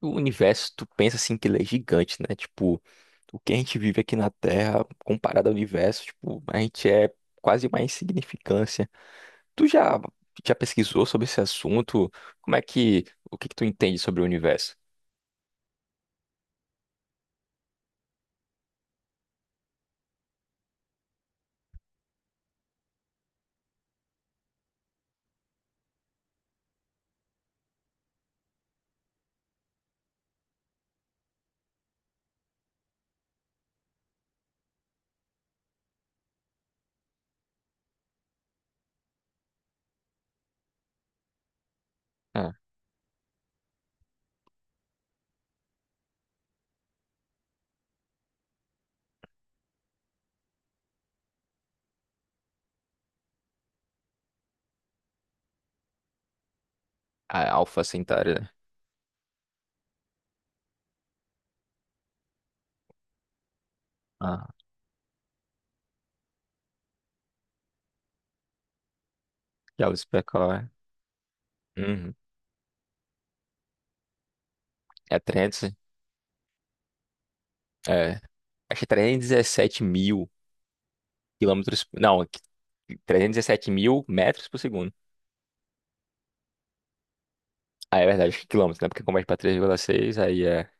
O universo, tu pensa assim que ele é gigante, né? Tipo, o que a gente vive aqui na Terra, comparado ao universo, tipo, a gente é quase uma insignificância. Tu já pesquisou sobre esse assunto? Como é que, o que que tu entende sobre o universo? Ah, a Alpha Centauri, né? Ah, já ouvi explicar é. Uhum. É 300, é, acho que é 317 mil quilômetros, não, 317 mil metros por segundo. Ah, é verdade, acho que quilômetros, né? Porque converte pra 3,6 aí é,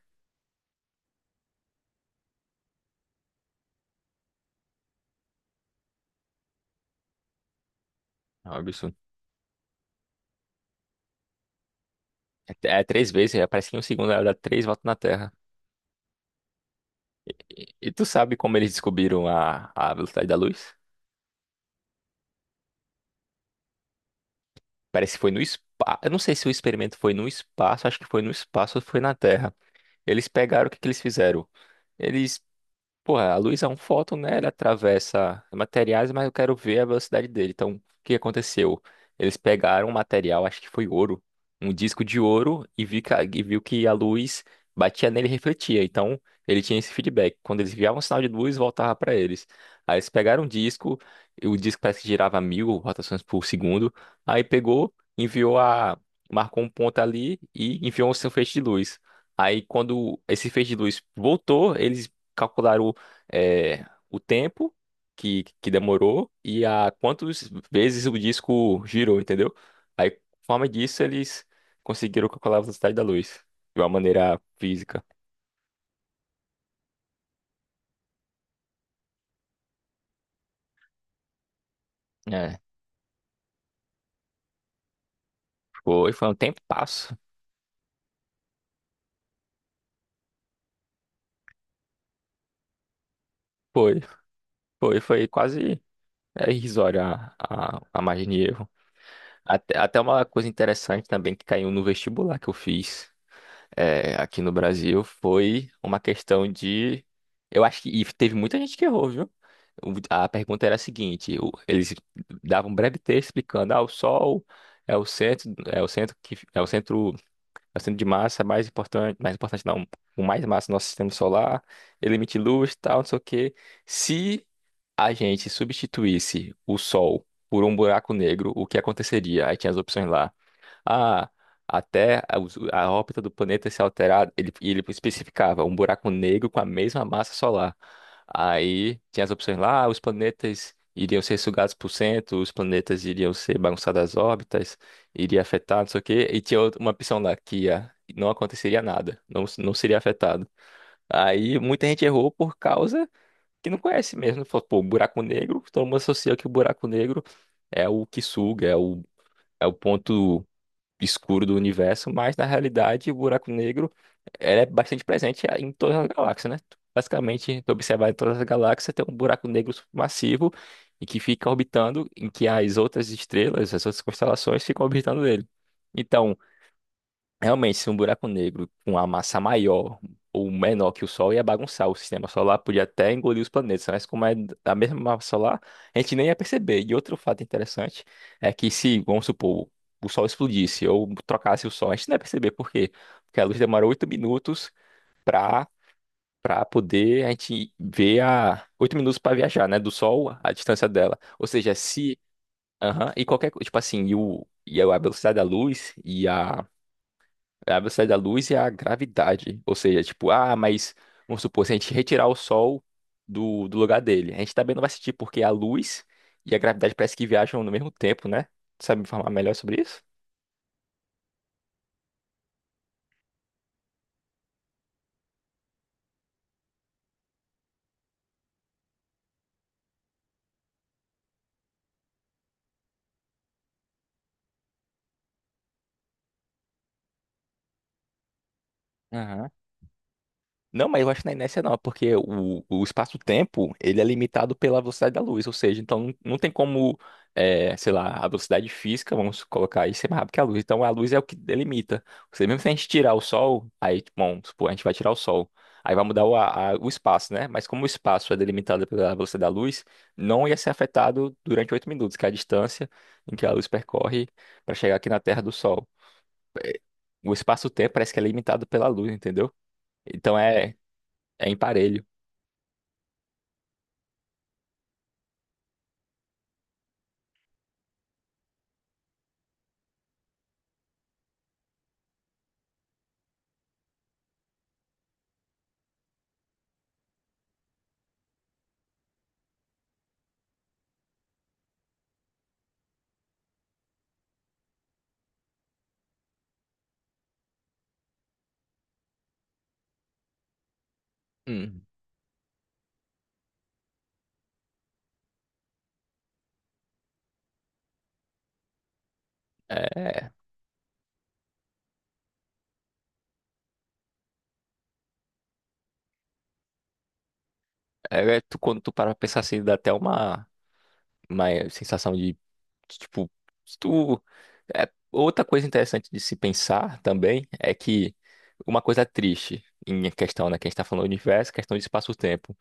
é um absurdo. É três vezes, é, parece que em um segundo ela dá três voltas na Terra. E tu sabe como eles descobriram a velocidade da luz? Parece que foi no espaço. Eu não sei se o experimento foi no espaço, acho que foi no espaço ou foi na Terra. Eles pegaram, o que que eles fizeram? Eles Porra, a luz é um fóton, né? Ele atravessa materiais, mas eu quero ver a velocidade dele. Então, o que aconteceu? Eles pegaram um material, acho que foi ouro, um disco de ouro, e, vi que e viu que a luz batia nele e refletia. Então, ele tinha esse feedback. Quando eles enviavam um sinal de luz, voltava para eles. Aí eles pegaram um disco, e o disco parece que girava mil rotações por segundo. Aí pegou, enviou a. marcou um ponto ali e enviou um seu feixe de luz. Aí, quando esse feixe de luz voltou, eles calcularam o tempo que demorou e a quantas vezes o disco girou, entendeu? Aí, por forma disso, eles conseguiram calcular a velocidade da luz de uma maneira física. É, foi um tempo passo. Foi, foi quase irrisório a margem de erro. Até uma coisa interessante também que caiu no vestibular que eu fiz. Aqui no Brasil foi uma questão de. Eu acho que teve muita gente que errou, viu? A pergunta era a seguinte: eles davam um breve texto explicando, ah, o Sol é o centro que é o centro de massa mais importante não, com mais massa do nosso sistema solar, ele emite luz, tal, não sei o quê. Se a gente substituísse o Sol por um buraco negro, o que aconteceria? Aí tinha as opções lá a, a a órbita do planeta se alterar, e ele especificava um buraco negro com a mesma massa solar. Aí tinha as opções lá: "Ah, os planetas iriam ser sugados por cento, os planetas iriam ser bagunçados as órbitas, iria afetar, não sei o quê", e tinha uma opção lá que ia, não aconteceria nada, não, não seria afetado. Aí muita gente errou por causa que não conhece mesmo. Falou, pô, buraco negro, todo mundo associa que o buraco negro é o que suga, é o ponto escuro do universo, mas na realidade o buraco negro ele é bastante presente em todas as galáxias, né? Basicamente, tu observar em todas as galáxias tem um buraco negro massivo e que fica orbitando, em que as outras estrelas, as outras constelações ficam orbitando ele. Então, realmente, se um buraco negro com uma massa maior ou menor que o Sol ia bagunçar o sistema solar, podia até engolir os planetas, mas como é da mesma massa solar, a gente nem ia perceber. E outro fato interessante é que se, vamos supor, o Sol explodisse ou trocasse o Sol, a gente não ia perceber por quê? Porque a luz demorou 8 minutos para para poder a gente ver a 8 minutos para viajar, né, do Sol à distância dela. Ou seja, se Aham. E qualquer coisa, tipo assim, e, o, e a velocidade da luz e a velocidade da luz é a gravidade. Ou seja, tipo, ah, mas vamos supor, se a gente retirar o Sol do lugar dele, a gente também não vai sentir, porque a luz e a gravidade parece que viajam no mesmo tempo, né? Tu sabe me informar melhor sobre isso? Não, mas eu acho que na inércia não, porque o espaço-tempo, ele é limitado pela velocidade da luz, ou seja, então não tem como, sei lá, a velocidade física, vamos colocar aí, ser mais rápido que a luz. Então a luz é o que delimita. Ou seja, mesmo se a gente tirar o sol, aí, tipo, vamos supor, a gente vai tirar o sol, aí vai mudar o espaço, né? Mas como o espaço é delimitado pela velocidade da luz, não ia ser afetado durante 8 minutos, que é a distância em que a luz percorre para chegar aqui na Terra do Sol. Eh, O espaço-tempo parece que é limitado pela luz, entendeu? Então é imparelho. Hum, é, Quando tu para pra pensar assim, dá até uma sensação de, tipo, se tu, é, outra coisa interessante de se pensar também é que uma coisa triste em questão, né, que a gente tá falando do universo, questão de espaço-tempo.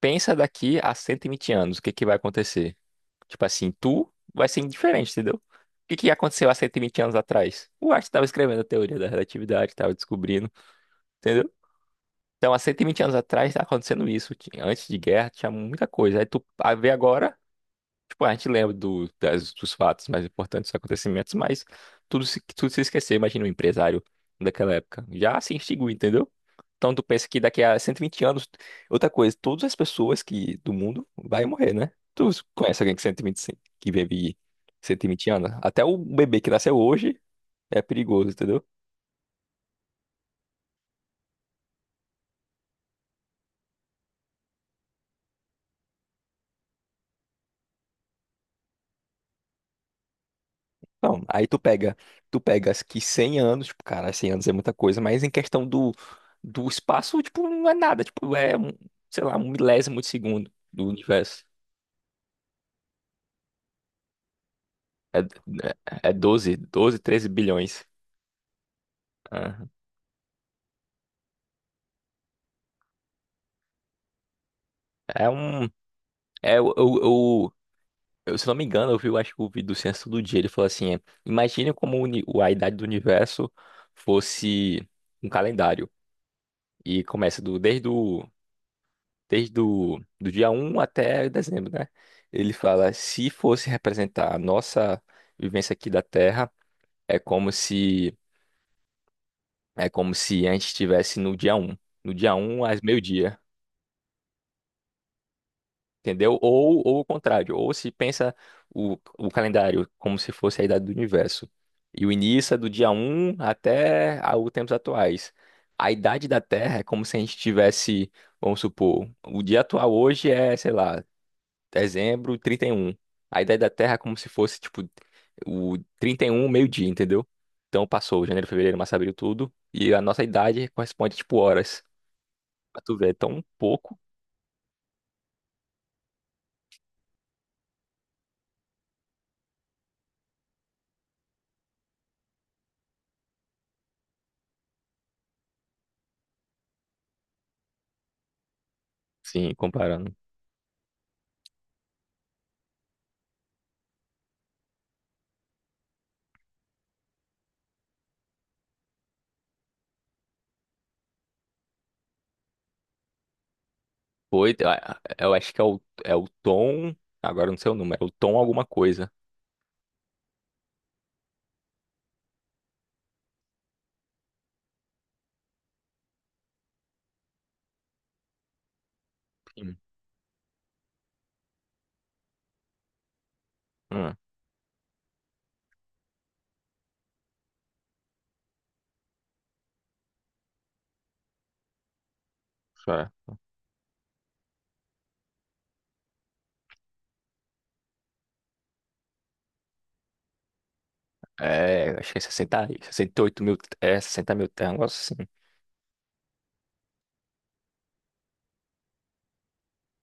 Pensa daqui a 120 anos, o que que vai acontecer? Tipo assim, tu vai ser indiferente, entendeu? O que que aconteceu há 120 anos atrás? O Einstein tava escrevendo a teoria da relatividade, tava descobrindo, entendeu? Então, há 120 anos atrás tá acontecendo isso. Antes de guerra tinha muita coisa. Aí tu a ver agora, tipo, a gente lembra dos fatos mais importantes, dos acontecimentos, mas tudo se esqueceu. Imagina um empresário daquela época. Já se extinguiu, entendeu? Então tu pensa que daqui a 120 anos, outra coisa, todas as pessoas que do mundo vai morrer, né? Tu conhece alguém que 120, que vive 120 anos? Até o bebê que nasceu hoje é perigoso, entendeu? Não, aí tu pegas que 100 anos, tipo, cara, 100 anos é muita coisa, mas em questão do espaço, tipo, não é nada, tipo, um, sei lá, um milésimo de segundo do universo. É, é é 12 12, 13 bilhões. Ah, É um, é o, o, o- eu, se não me engano, eu vi, eu acho que o vídeo do Ciência do Dia, ele falou assim, imagine como a idade do universo fosse um calendário, e começa do, desde o desde o do dia um até dezembro, né? Ele fala: se fosse representar a nossa vivência aqui da Terra, é como se é como se a gente estivesse no dia um, no dia um às meio-dia, entendeu? Ou o contrário, ou se pensa o calendário como se fosse a idade do universo. E o início é do dia um até os tempos atuais. A idade da Terra é como se a gente tivesse, vamos supor, o dia atual hoje é, sei lá, dezembro e 31. A ideia da Terra é como se fosse, tipo, o 31 meio-dia, entendeu? Então passou janeiro, fevereiro, março, abril, tudo. E a nossa idade corresponde, tipo, horas. Pra tu ver, é tão pouco. Sim, comparando. Oito, ah, eu acho que é o, é o tom. Agora eu não sei o número, é o tom alguma coisa. Hum, hum, só. É, acho que é sessenta, 68.000. É, 60.000, é um negócio assim.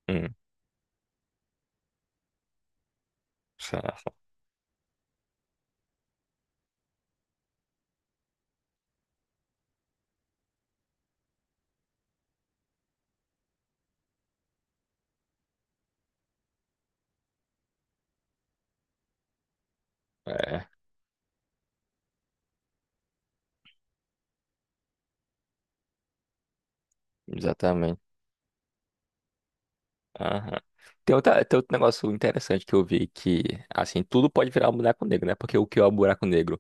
Hum, só. É, exatamente. Aham. Tem, outra, tem outro negócio interessante que eu vi que, assim, tudo pode virar um buraco negro, né? Porque o que é o buraco negro?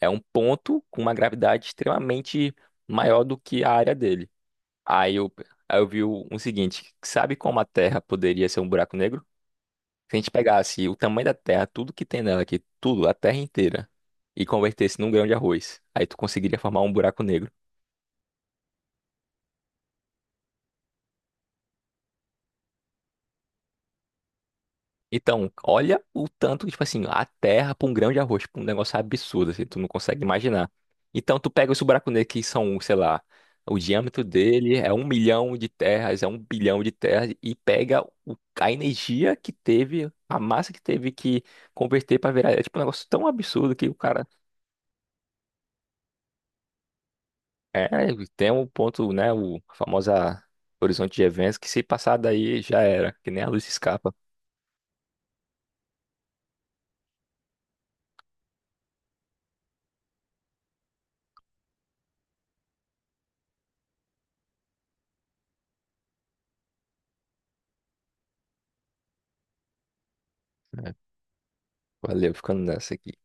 É um ponto com uma gravidade extremamente maior do que a área dele. Aí eu, aí eu vi o seguinte, sabe como a Terra poderia ser um buraco negro? Se a gente pegasse o tamanho da Terra, tudo que tem nela aqui, tudo, a Terra inteira, e convertesse num grão de arroz, aí tu conseguiria formar um buraco negro. Então, olha o tanto, que tipo assim, a terra pra um grão de arroz, tipo, um negócio absurdo, assim, tu não consegue imaginar. Então, tu pega esse buraco negro que são, sei lá, o diâmetro dele é um milhão de terras, é um bilhão de terras, e pega a energia que teve, a massa que teve que converter pra virar. É tipo um negócio tão absurdo que o cara. É, tem um ponto, né, o a famosa horizonte de eventos, que se passar daí já era, que nem a luz escapa. É, valeu, ficando nessa aqui.